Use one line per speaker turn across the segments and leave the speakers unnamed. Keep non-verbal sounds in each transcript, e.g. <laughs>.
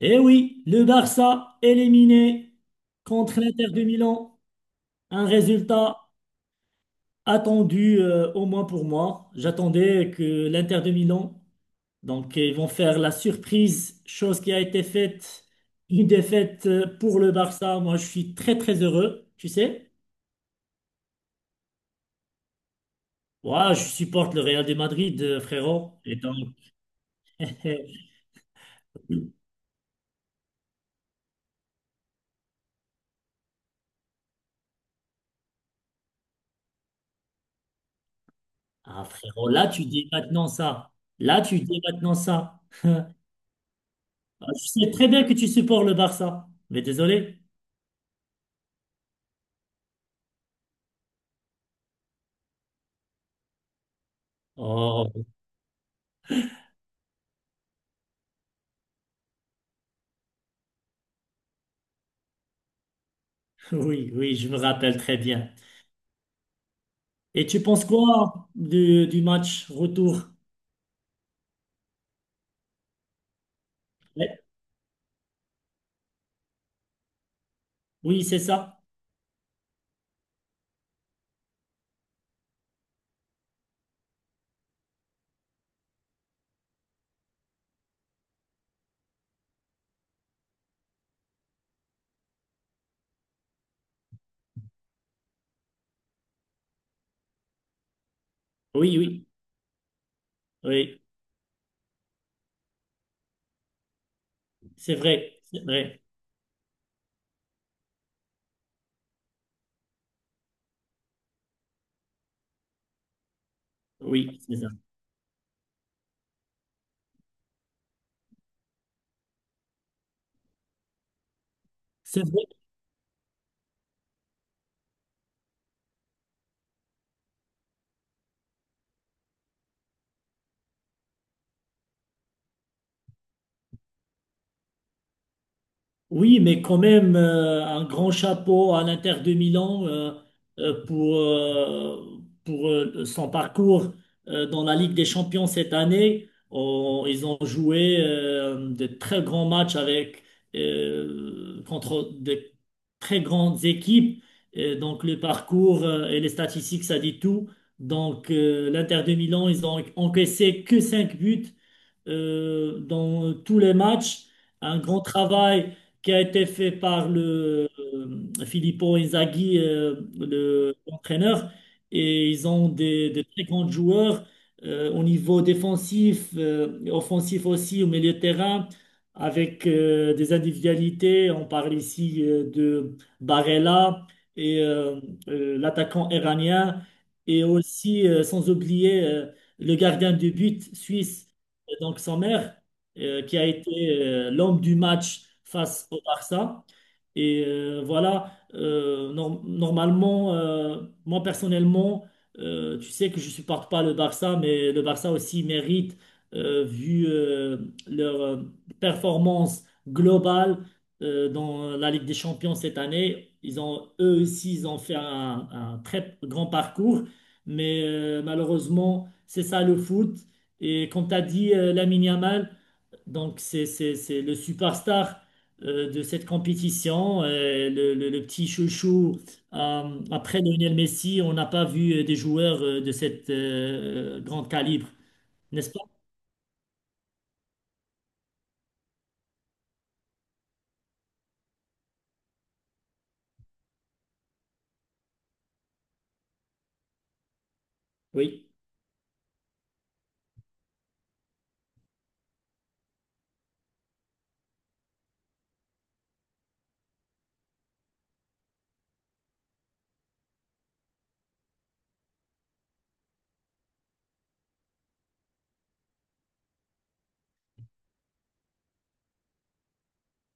Eh oui, le Barça éliminé contre l'Inter de Milan. Un résultat attendu, au moins pour moi. J'attendais que l'Inter de Milan, donc ils vont faire la surprise, chose qui a été faite, une défaite pour le Barça. Moi, je suis très très heureux, tu sais. Ouais, je supporte le Real de Madrid, frérot. Et donc, <laughs> ah frérot, là tu dis maintenant ça. Là tu dis maintenant ça. Ah, je sais très bien que tu supportes le Barça, mais désolé. Oh, <laughs> oui, oui, je me rappelle très bien. Et tu penses quoi du match retour? Ouais. Oui, c'est ça. Oui, oui, oui, c'est vrai, c'est vrai. Oui, c'est ça. C'est vrai. Oui, mais quand même, un grand chapeau à l'Inter de Milan pour son parcours dans la Ligue des Champions cette année. Ils ont joué de très grands matchs avec, contre de très grandes équipes. Et donc, le parcours et les statistiques, ça dit tout. Donc, l'Inter de Milan, ils ont encaissé que 5 buts dans tous les matchs. Un grand travail qui a été fait par le Filippo Inzaghi, l'entraîneur, et ils ont des très grands joueurs au niveau défensif, et offensif aussi, au milieu de terrain, avec des individualités. On parle ici de Barella et l'attaquant iranien, et aussi, sans oublier, le gardien de but suisse donc Sommer, qui a été l'homme du match face au Barça. Et voilà, normalement, moi personnellement, tu sais que je supporte pas le Barça, mais le Barça aussi mérite, vu leur performance globale dans la Ligue des Champions cette année. Ils ont, eux aussi, ils ont fait un très grand parcours, mais malheureusement, c'est ça le foot. Et comme tu as dit, Lamine Yamal, donc c'est le superstar de cette compétition, le petit chouchou. Après Lionel Messi, on n'a pas vu des joueurs de cette grande calibre, n'est-ce pas? Oui.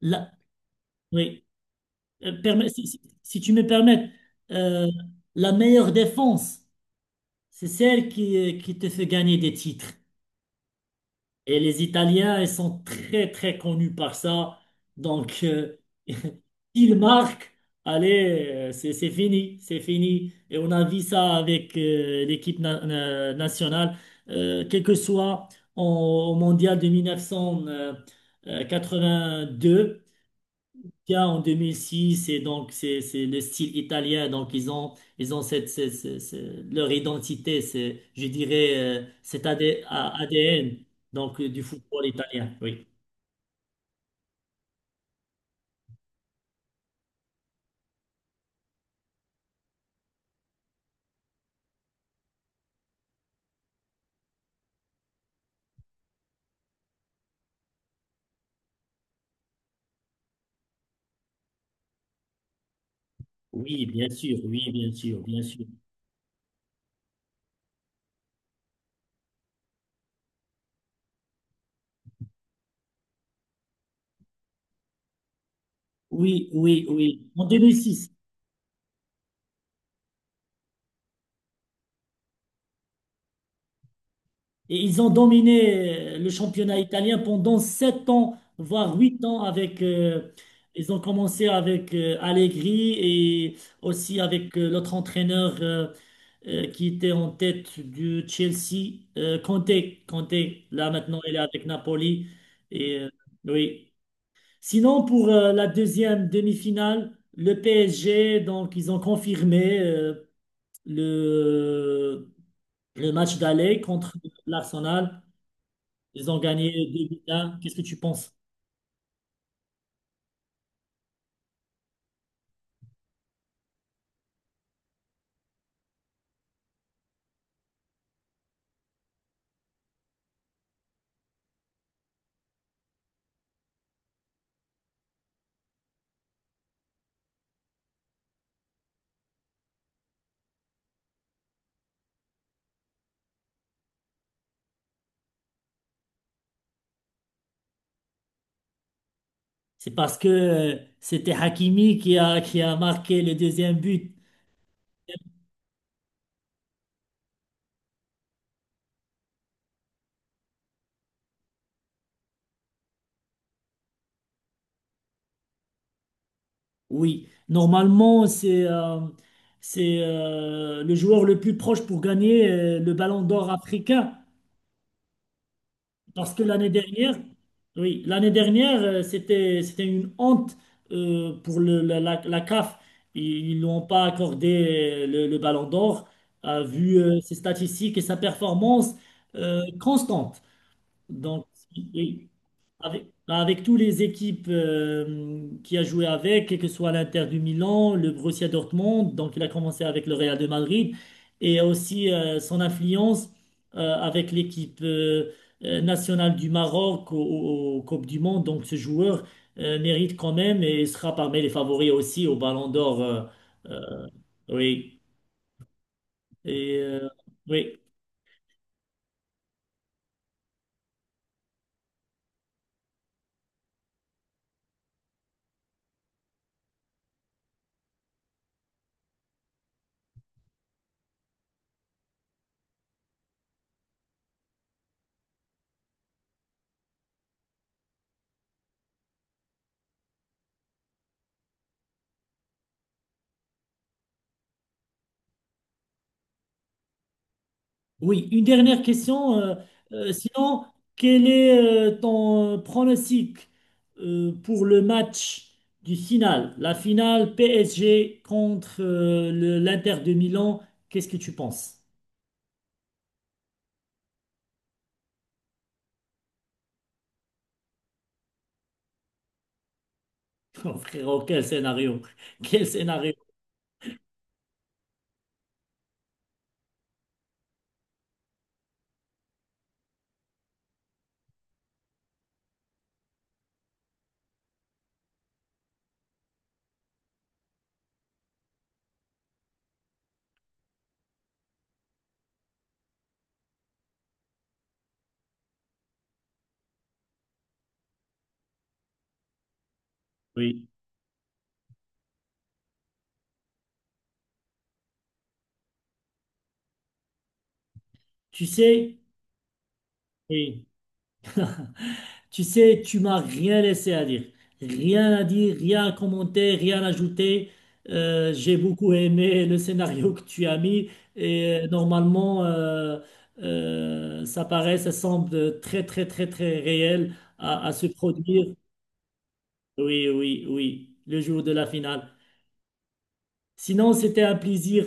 La- oui. Si tu me permets, euh, la meilleure défense, c'est celle qui te fait gagner des titres. Et les Italiens, ils sont très, très connus par ça. Donc, <laughs> ils marquent. Allez, c'est fini, c'est fini. Et on a vu ça avec l'équipe nationale, quel que soit en- au Mondial de 1982. Tiens, en 2006, et donc c'est le style italien, donc ils ont leur identité, c'est je dirais cet ADN donc du football italien. Oui, oui, bien sûr, bien sûr. Oui, oui, oui. En 2006. Et ils ont dominé le championnat italien pendant 7 ans, voire 8 ans ils ont commencé avec Allegri et aussi avec l'autre entraîneur qui était en tête du Chelsea, Conte. Conte, là maintenant, il est avec Napoli. Et, oui. Sinon, pour la deuxième demi-finale, le PSG, donc ils ont confirmé le, le match d'aller contre l'Arsenal. Ils ont gagné 2-1. Qu'est-ce que tu penses? C'est parce que c'était Hakimi qui a marqué le deuxième but. Oui, normalement, c'est le joueur le plus proche pour gagner le Ballon d'Or africain. Parce que l'année dernière, oui, l'année dernière, c'était une honte pour la CAF. Ils n'ont pas accordé le Ballon d'Or vu ses statistiques et sa performance constante. Donc, oui, avec, avec tous les équipes qui a joué avec, quel que soit l'Inter du Milan, le Borussia Dortmund, donc il a commencé avec le Real de Madrid, et aussi son influence avec l'équipe nationale du Maroc aux Coupes du Monde. Donc, ce joueur mérite quand même et sera parmi les favoris aussi au Ballon d'Or. Euh, oui. Et, oui. Oui, une dernière question. Sinon, quel est ton pronostic pour le match du final, la finale PSG contre l'Inter de Milan? Qu'est-ce que tu penses? <laughs> Oh, frérot, quel scénario! Quel scénario! Oui. Tu sais? Oui. Tu sais, tu m'as rien laissé à dire. Rien à dire, rien à commenter, rien à ajouter. J'ai beaucoup aimé le scénario que tu as mis et normalement, ça paraît, ça semble très, très, très, très réel à se produire. Oui, oui, oui, le jour de la finale. Sinon, c'était un plaisir.